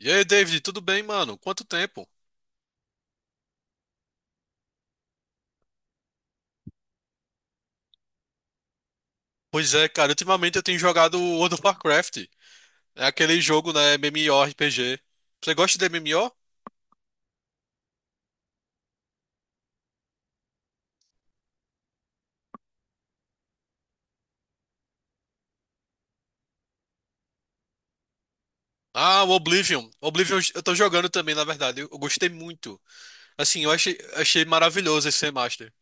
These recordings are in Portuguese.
E aí, David, tudo bem, mano? Quanto tempo? Pois é, cara, ultimamente eu tenho jogado World of Warcraft. É aquele jogo, né, MMORPG. Você gosta de MMO? Ah, o Oblivion. Oblivion eu tô jogando também, na verdade. Eu gostei muito. Assim, eu achei, achei maravilhoso esse remaster.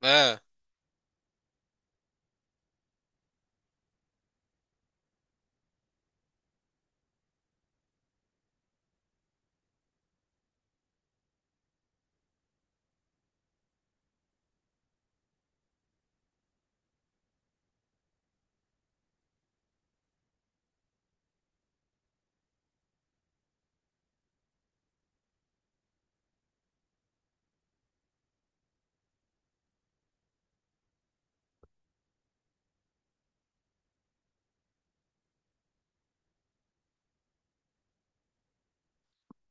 É,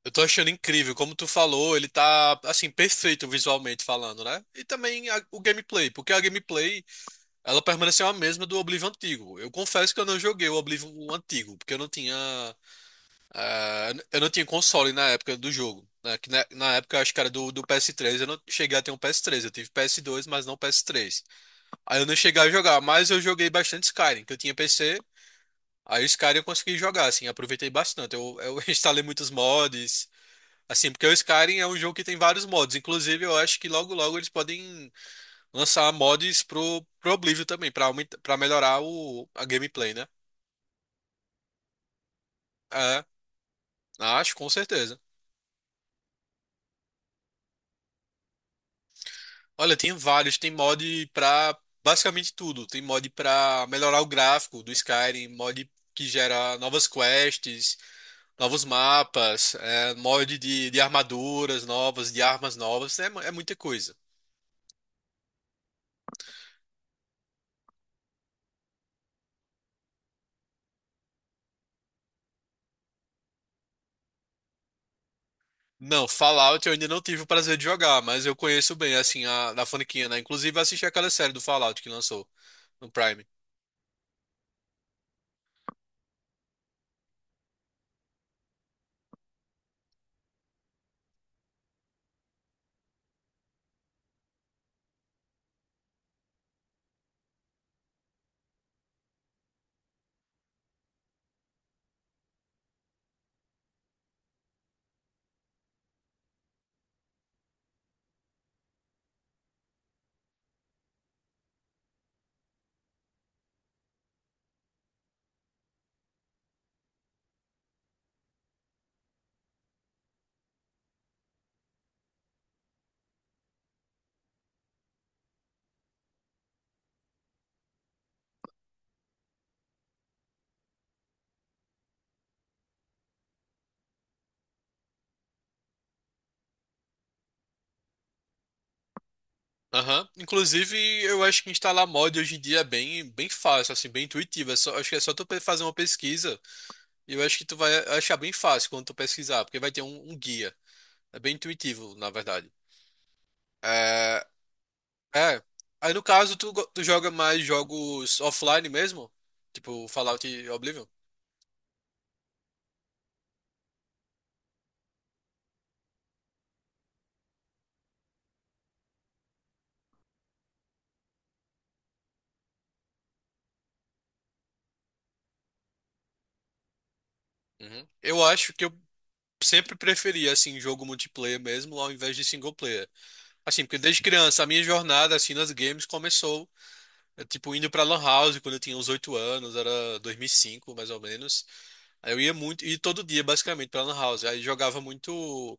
eu tô achando incrível. Como tu falou, ele tá, assim, perfeito visualmente falando, né? E também o gameplay, porque a gameplay, ela permaneceu a mesma do Oblivion antigo. Eu confesso que eu não joguei o Oblivion antigo, porque eu não tinha. Ah, eu não tinha console na época do jogo, né? Que na época eu acho que era do PS3. Eu não cheguei a ter um PS3. Eu tive PS2, mas não PS3. Aí eu não cheguei a jogar, mas eu joguei bastante Skyrim, que eu tinha PC. Aí o Skyrim eu consegui jogar, assim, aproveitei bastante. Eu instalei muitos mods, assim, porque o Skyrim é um jogo que tem vários mods. Inclusive, eu acho que logo logo eles podem lançar mods pro Oblivion também, pra melhorar a gameplay, né? É, acho, com certeza. Olha, tem vários. Tem mod pra basicamente tudo. Tem mod pra melhorar o gráfico do Skyrim, mod que gera novas quests, novos mapas, mod de armaduras novas, de armas novas. É, é muita coisa. Não, Fallout eu ainda não tive o prazer de jogar, mas eu conheço bem, assim, da Fonequinha, né? Inclusive, eu assisti aquela série do Fallout que lançou no Prime. Aham. Inclusive, eu acho que instalar mod hoje em dia é bem, bem fácil, assim, bem intuitivo. Acho que é só tu fazer uma pesquisa. E eu acho que tu vai achar bem fácil quando tu pesquisar, porque vai ter um guia. É bem intuitivo, na verdade. É, é. Aí no caso, tu joga mais jogos offline mesmo? Tipo Fallout e Oblivion? Uhum. Eu acho que eu sempre preferi, assim, jogo multiplayer mesmo, ao invés de single player. Assim, porque desde criança, a minha jornada, assim, nas games começou, tipo, indo pra Lan House quando eu tinha uns 8 anos, era 2005 mais ou menos. Aí eu ia muito, e todo dia, basicamente, pra Lan House. Aí jogava muito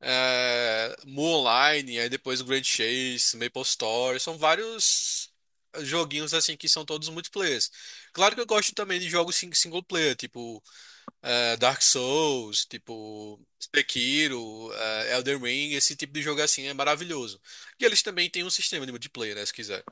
Moonline, aí depois o Grand Chase, MapleStory, são vários joguinhos assim que são todos multiplayers. Claro que eu gosto também de jogos single player, tipo Dark Souls, tipo Sekiro, Elden Ring, esse tipo de jogo assim é maravilhoso. E eles também têm um sistema de multiplayer, né, se quiser.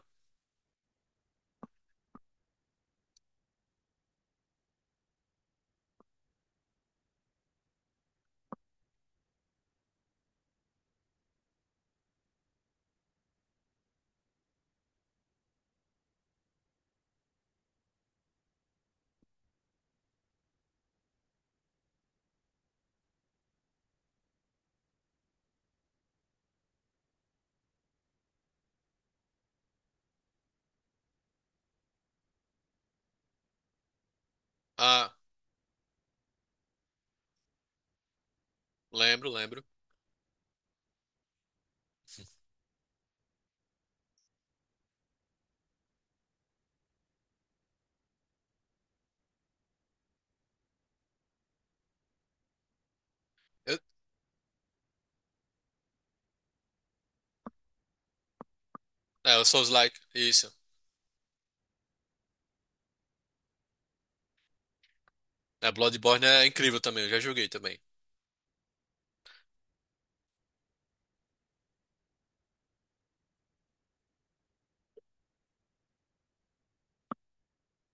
Ah, lembro, lembro. Eu, o Souls-like, isso. É, Bloodborne é incrível também, eu já joguei também.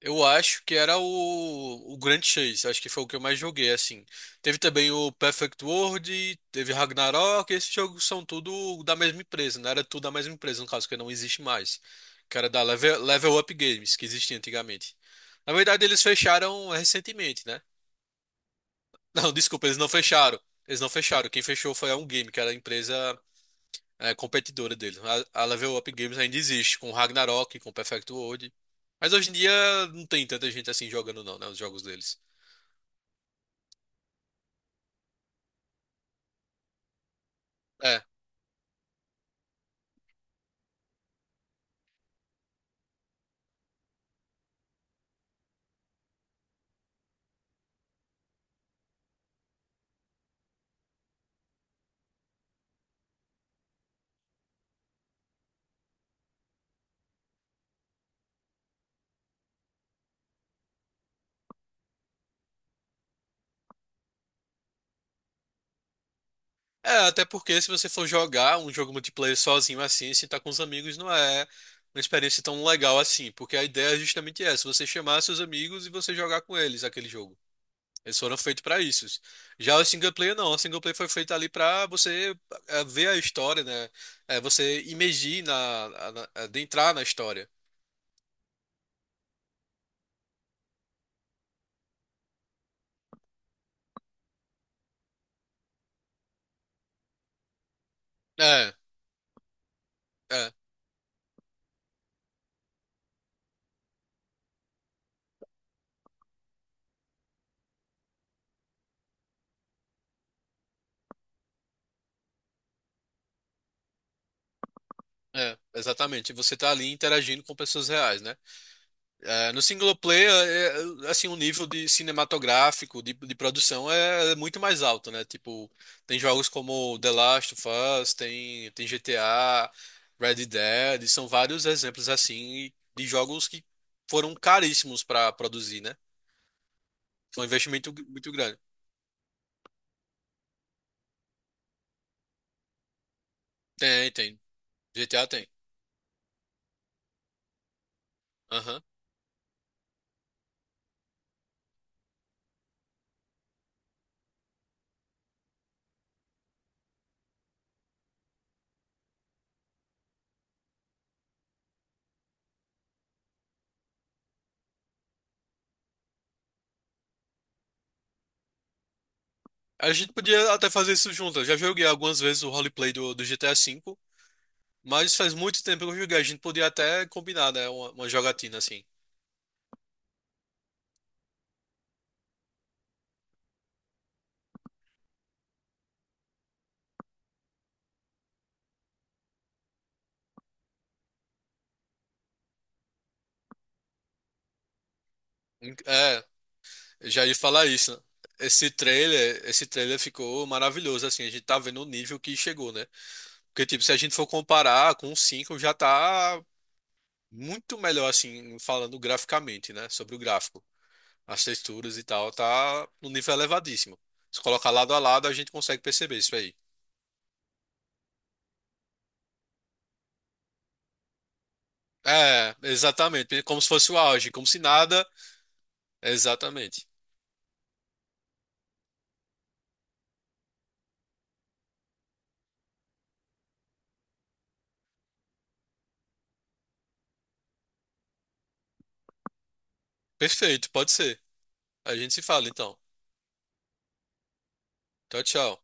Eu acho que era o Grand Chase, acho que foi o que eu mais joguei, assim. Teve também o Perfect World, teve Ragnarok, esses jogos são tudo da mesma empresa, não era tudo da mesma empresa, no caso, que não existe mais. Que era da Level Up Games, que existia antigamente. Na verdade, eles fecharam recentemente, né? Não, desculpa, eles não fecharam. Eles não fecharam. Quem fechou foi a Um Game, que era a empresa competidora dele. A Level Up Games ainda existe, com Ragnarok, com Perfect World. Mas hoje em dia não tem tanta gente assim jogando não, né? Os jogos deles. É. É, até porque se você for jogar um jogo multiplayer sozinho assim, se tá com os amigos, não é uma experiência tão legal assim. Porque a ideia é justamente essa, você chamar seus amigos e você jogar com eles aquele jogo. Eles foram feitos pra isso. Já o single player não, o single player foi feito ali pra você ver a história, né? É, você imergir adentrar na história. É, É, é, exatamente. Você tá ali interagindo com pessoas reais, né? É, no single player, assim, o nível de cinematográfico, de produção é muito mais alto, né? Tipo, tem jogos como The Last of Us, tem GTA, Red Dead, são vários exemplos assim de jogos que foram caríssimos pra produzir, né? Foi um investimento muito grande. Tem, tem. GTA tem. Aham. A gente podia até fazer isso junto. Eu já joguei algumas vezes o roleplay do GTA V. Mas faz muito tempo que eu joguei. A gente podia até combinar, né? Uma jogatina assim. É, eu já ia falar isso, né? Esse trailer ficou maravilhoso, assim. A gente tá vendo o nível que chegou, né? Porque, tipo, se a gente for comparar com o 5, já tá muito melhor, assim, falando graficamente, né? Sobre o gráfico. As texturas e tal, tá no nível elevadíssimo. Se colocar lado a lado, a gente consegue perceber isso aí. É, exatamente. Como se fosse o auge, como se nada. Exatamente. Perfeito, pode ser. A gente se fala então. Tchau, tchau.